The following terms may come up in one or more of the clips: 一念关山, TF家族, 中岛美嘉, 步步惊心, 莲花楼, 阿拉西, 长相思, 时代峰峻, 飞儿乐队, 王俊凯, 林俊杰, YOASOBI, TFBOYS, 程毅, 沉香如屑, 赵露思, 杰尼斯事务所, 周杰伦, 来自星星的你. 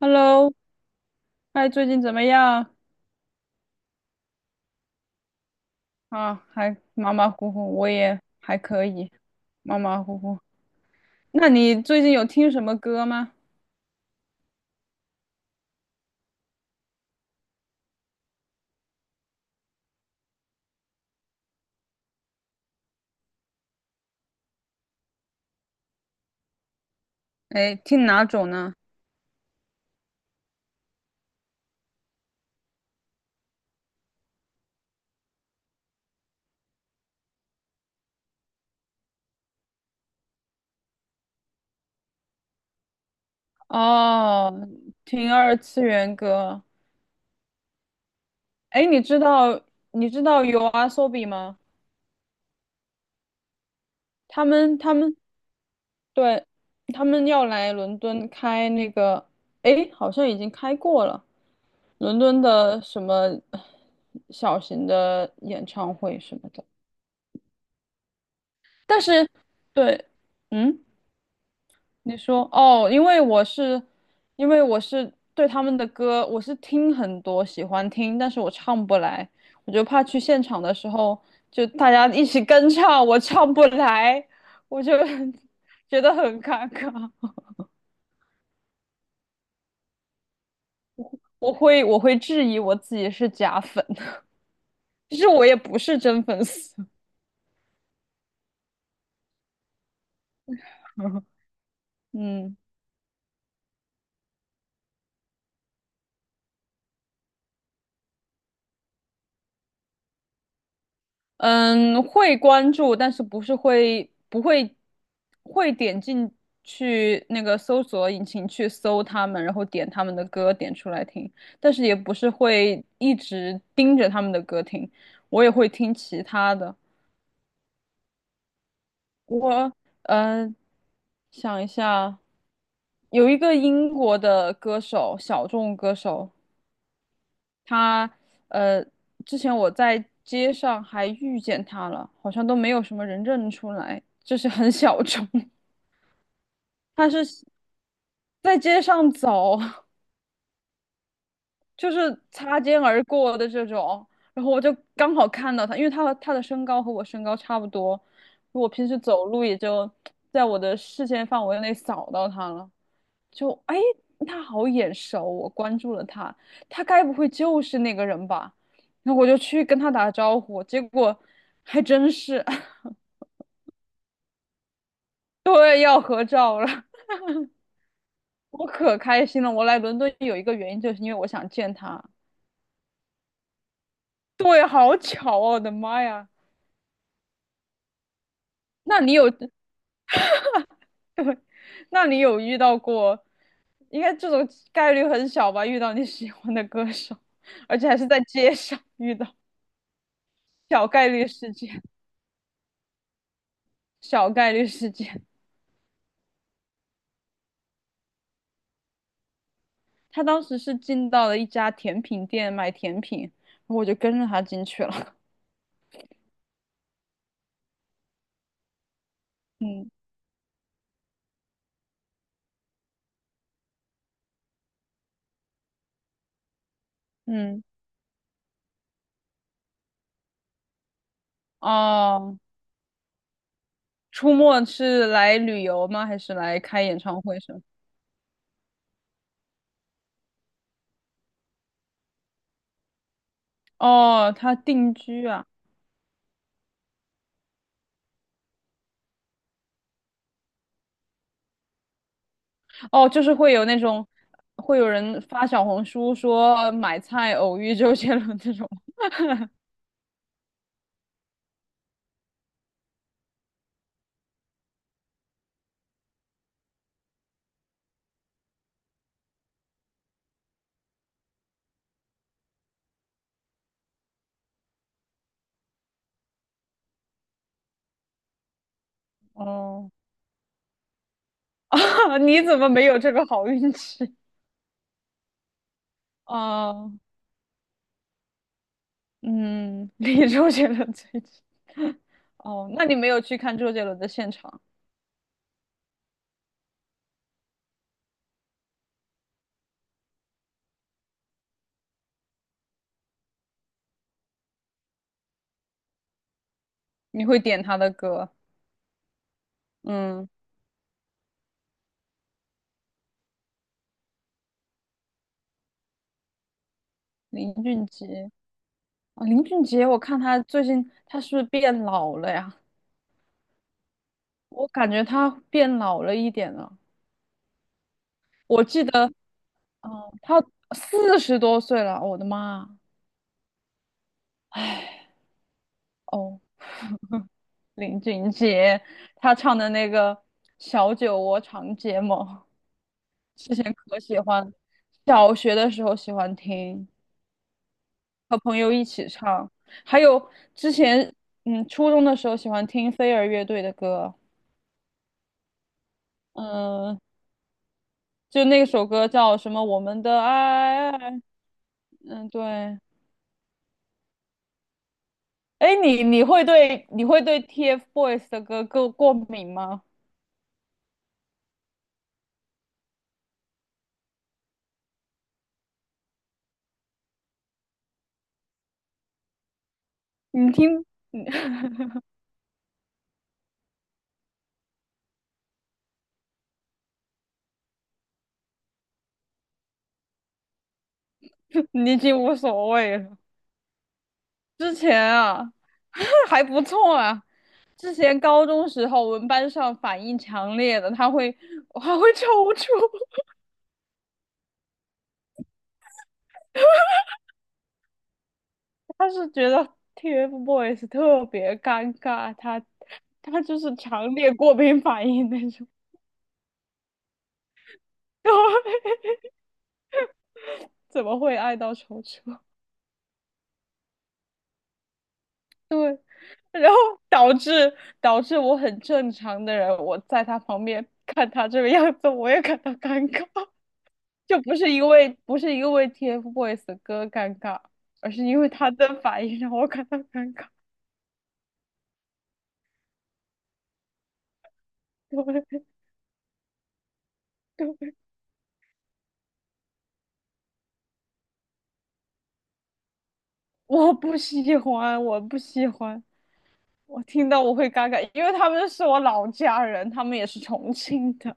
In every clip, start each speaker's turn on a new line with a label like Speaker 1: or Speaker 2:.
Speaker 1: Hello，哎，最近怎么样？啊，还马马虎虎，我也还可以，马马虎虎。那你最近有听什么歌吗？哎，听哪种呢？哦，听二次元歌。哎，你知道 YOASOBI 吗？他们对，他们要来伦敦开那个，哎，好像已经开过了，伦敦的什么小型的演唱会什么的。但是，对，嗯，你说哦，因为我是，因为我是对他们的歌，我是听很多，喜欢听，但是我唱不来，我就怕去现场的时候，就大家一起跟唱，我唱不来，我就 觉得很尴尬，我会质疑我自己是假粉，其实我也不是真粉丝，嗯。嗯，会关注，但是不是会不会会点进去那个搜索引擎去搜他们，然后点他们的歌点出来听，但是也不是会一直盯着他们的歌听，我也会听其他的。我呃想一下，有一个英国的歌手，小众歌手，他呃，之前我在街上还遇见他了，好像都没有什么人认出来，就是很小众。他是在街上走，就是擦肩而过的这种，然后我就刚好看到他，因为他和他的身高和我身高差不多，我平时走路也就在我的视线范围内扫到他了。就哎，他好眼熟，我关注了他，他该不会就是那个人吧？那我就去跟他打招呼，结果还真是，对，要合照了，我可开心了。我来伦敦有一个原因，就是因为我想见他。对，好巧哦，我的妈呀！那你有，那你有遇到过？应该这种概率很小吧？遇到你喜欢的歌手，而且还是在街上遇到，小概率事件，小概率事件。他当时是进到了一家甜品店买甜品，然后我就跟着他进去了。嗯嗯，哦，出没是来旅游吗？还是来开演唱会什么？哦，他定居啊。哦，就是会有那种，会有人发小红书说买菜偶遇周杰伦这种。哦，啊，你怎么没有这个好运气？哦，嗯，离周杰伦最近。哦，那你没有去看周杰伦的现场？你会点他的歌，嗯，林俊杰啊，林俊杰，我看他最近他是不是变老了呀？我感觉他变老了一点了。我记得，嗯，他四十多岁了，我的妈！哦，林俊杰，他唱的那个《小酒窝长睫毛》，之前可喜欢，小学的时候喜欢听，和朋友一起唱，还有之前，嗯，初中的时候喜欢听飞儿乐队的歌。嗯，就那首歌叫什么？我们的爱，嗯，对。哎，你会对 TFBOYS 的歌过敏吗？你听，你已经无所谓了。之前啊，还不错啊。之前高中时候，我们班上反应强烈的，他会还会抽搐，他是觉得 TFBOYS 特别尴尬，他就是强烈过敏反应那种。对怎么会爱到抽搐？对。然后导致导致我很正常的人，我在他旁边看他这个样子，我也感到尴尬，就不是因为 TFBOYS 的歌尴尬，而是因为他的反应让我感到尴尬。对对，我不喜欢，我听到我会尴尬，因为他们是我老家人，他们也是重庆的。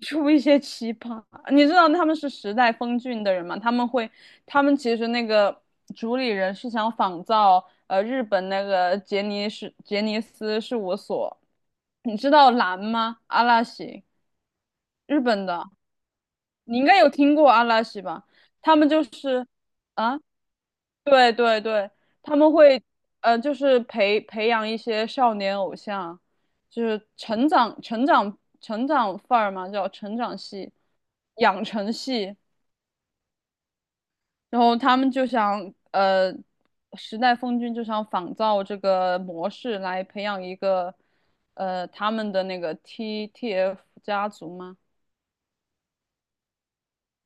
Speaker 1: 出一些奇葩。你知道他们是时代峰峻的人吗？他们会，他们其实那个主理人是想仿造日本那个杰尼斯事务所，你知道蓝吗？阿拉西，日本的，你应该有听过阿拉西吧？他们就是。啊，对，他们会，就是培养一些少年偶像，就是成长范儿嘛，叫成长系、养成系。然后他们就想，时代峰峻就想仿造这个模式来培养一个，呃，他们的那个 TF 家族吗？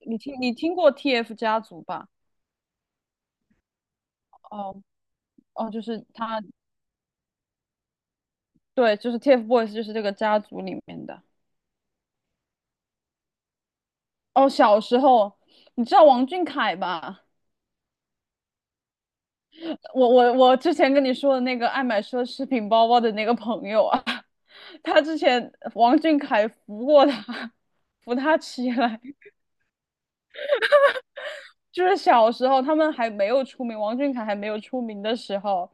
Speaker 1: 你听过 TF 家族吧？哦哦，就是他，对，就是 TFBOYS，就是这个家族里面的。哦，小时候，你知道王俊凯吧？我之前跟你说的那个爱买奢侈品包包的那个朋友啊，他之前王俊凯扶过他，扶他起来。就是小时候他们还没有出名，王俊凯还没有出名的时候，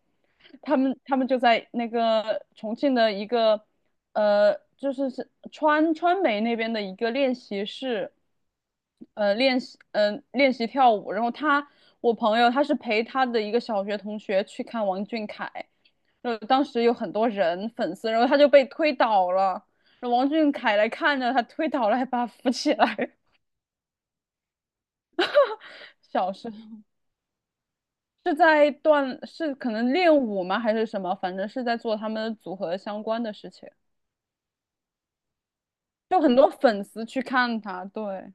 Speaker 1: 他们就在那个重庆的一个就是是川美那边的一个练习室，练习跳舞。然后他我朋友他是陪他的一个小学同学去看王俊凯，然后当时有很多人粉丝，然后他就被推倒了，然后王俊凯来看着他推倒了，还把他扶起来。小时是在锻，是可能练舞吗？还是什么？反正是在做他们组合相关的事情，就很多粉丝去看他，对，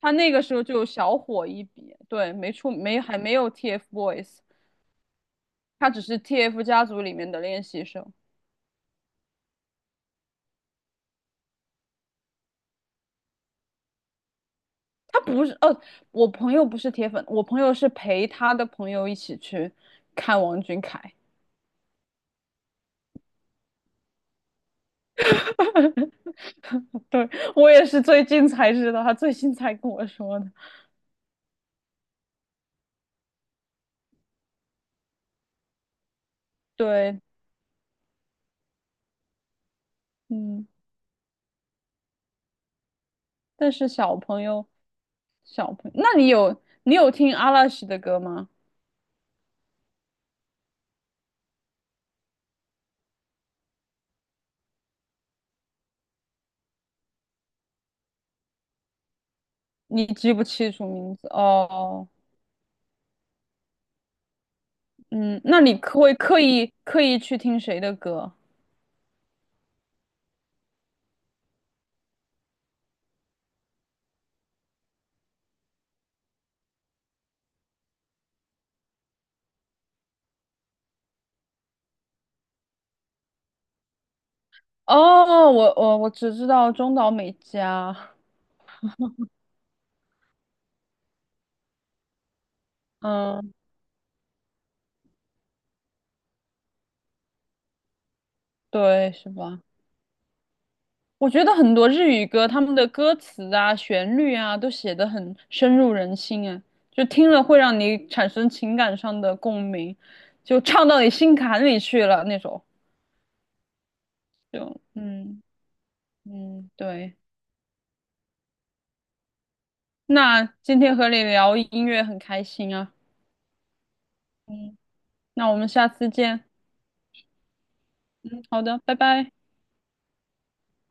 Speaker 1: 他那个时候就有小火一笔，对，没出没还没有 TFBOYS，他只是 TF 家族里面的练习生，他不是，哦，我朋友不是铁粉，我朋友是陪他的朋友一起去看王俊凯，对，我也是最近才知道，他最近才跟我说的，对，嗯，但是小朋友。小朋友，那你有听阿拉西的歌吗？你记不清楚名字哦，嗯，那你可会刻意去听谁的歌？哦，我只知道中岛美嘉，嗯，对，是吧？我觉得很多日语歌，他们的歌词啊、旋律啊，都写得很深入人心啊，就听了会让你产生情感上的共鸣，就唱到你心坎里去了那种。就嗯嗯，对。那今天和你聊音乐很开心啊，嗯，那我们下次见，嗯，好的，拜拜。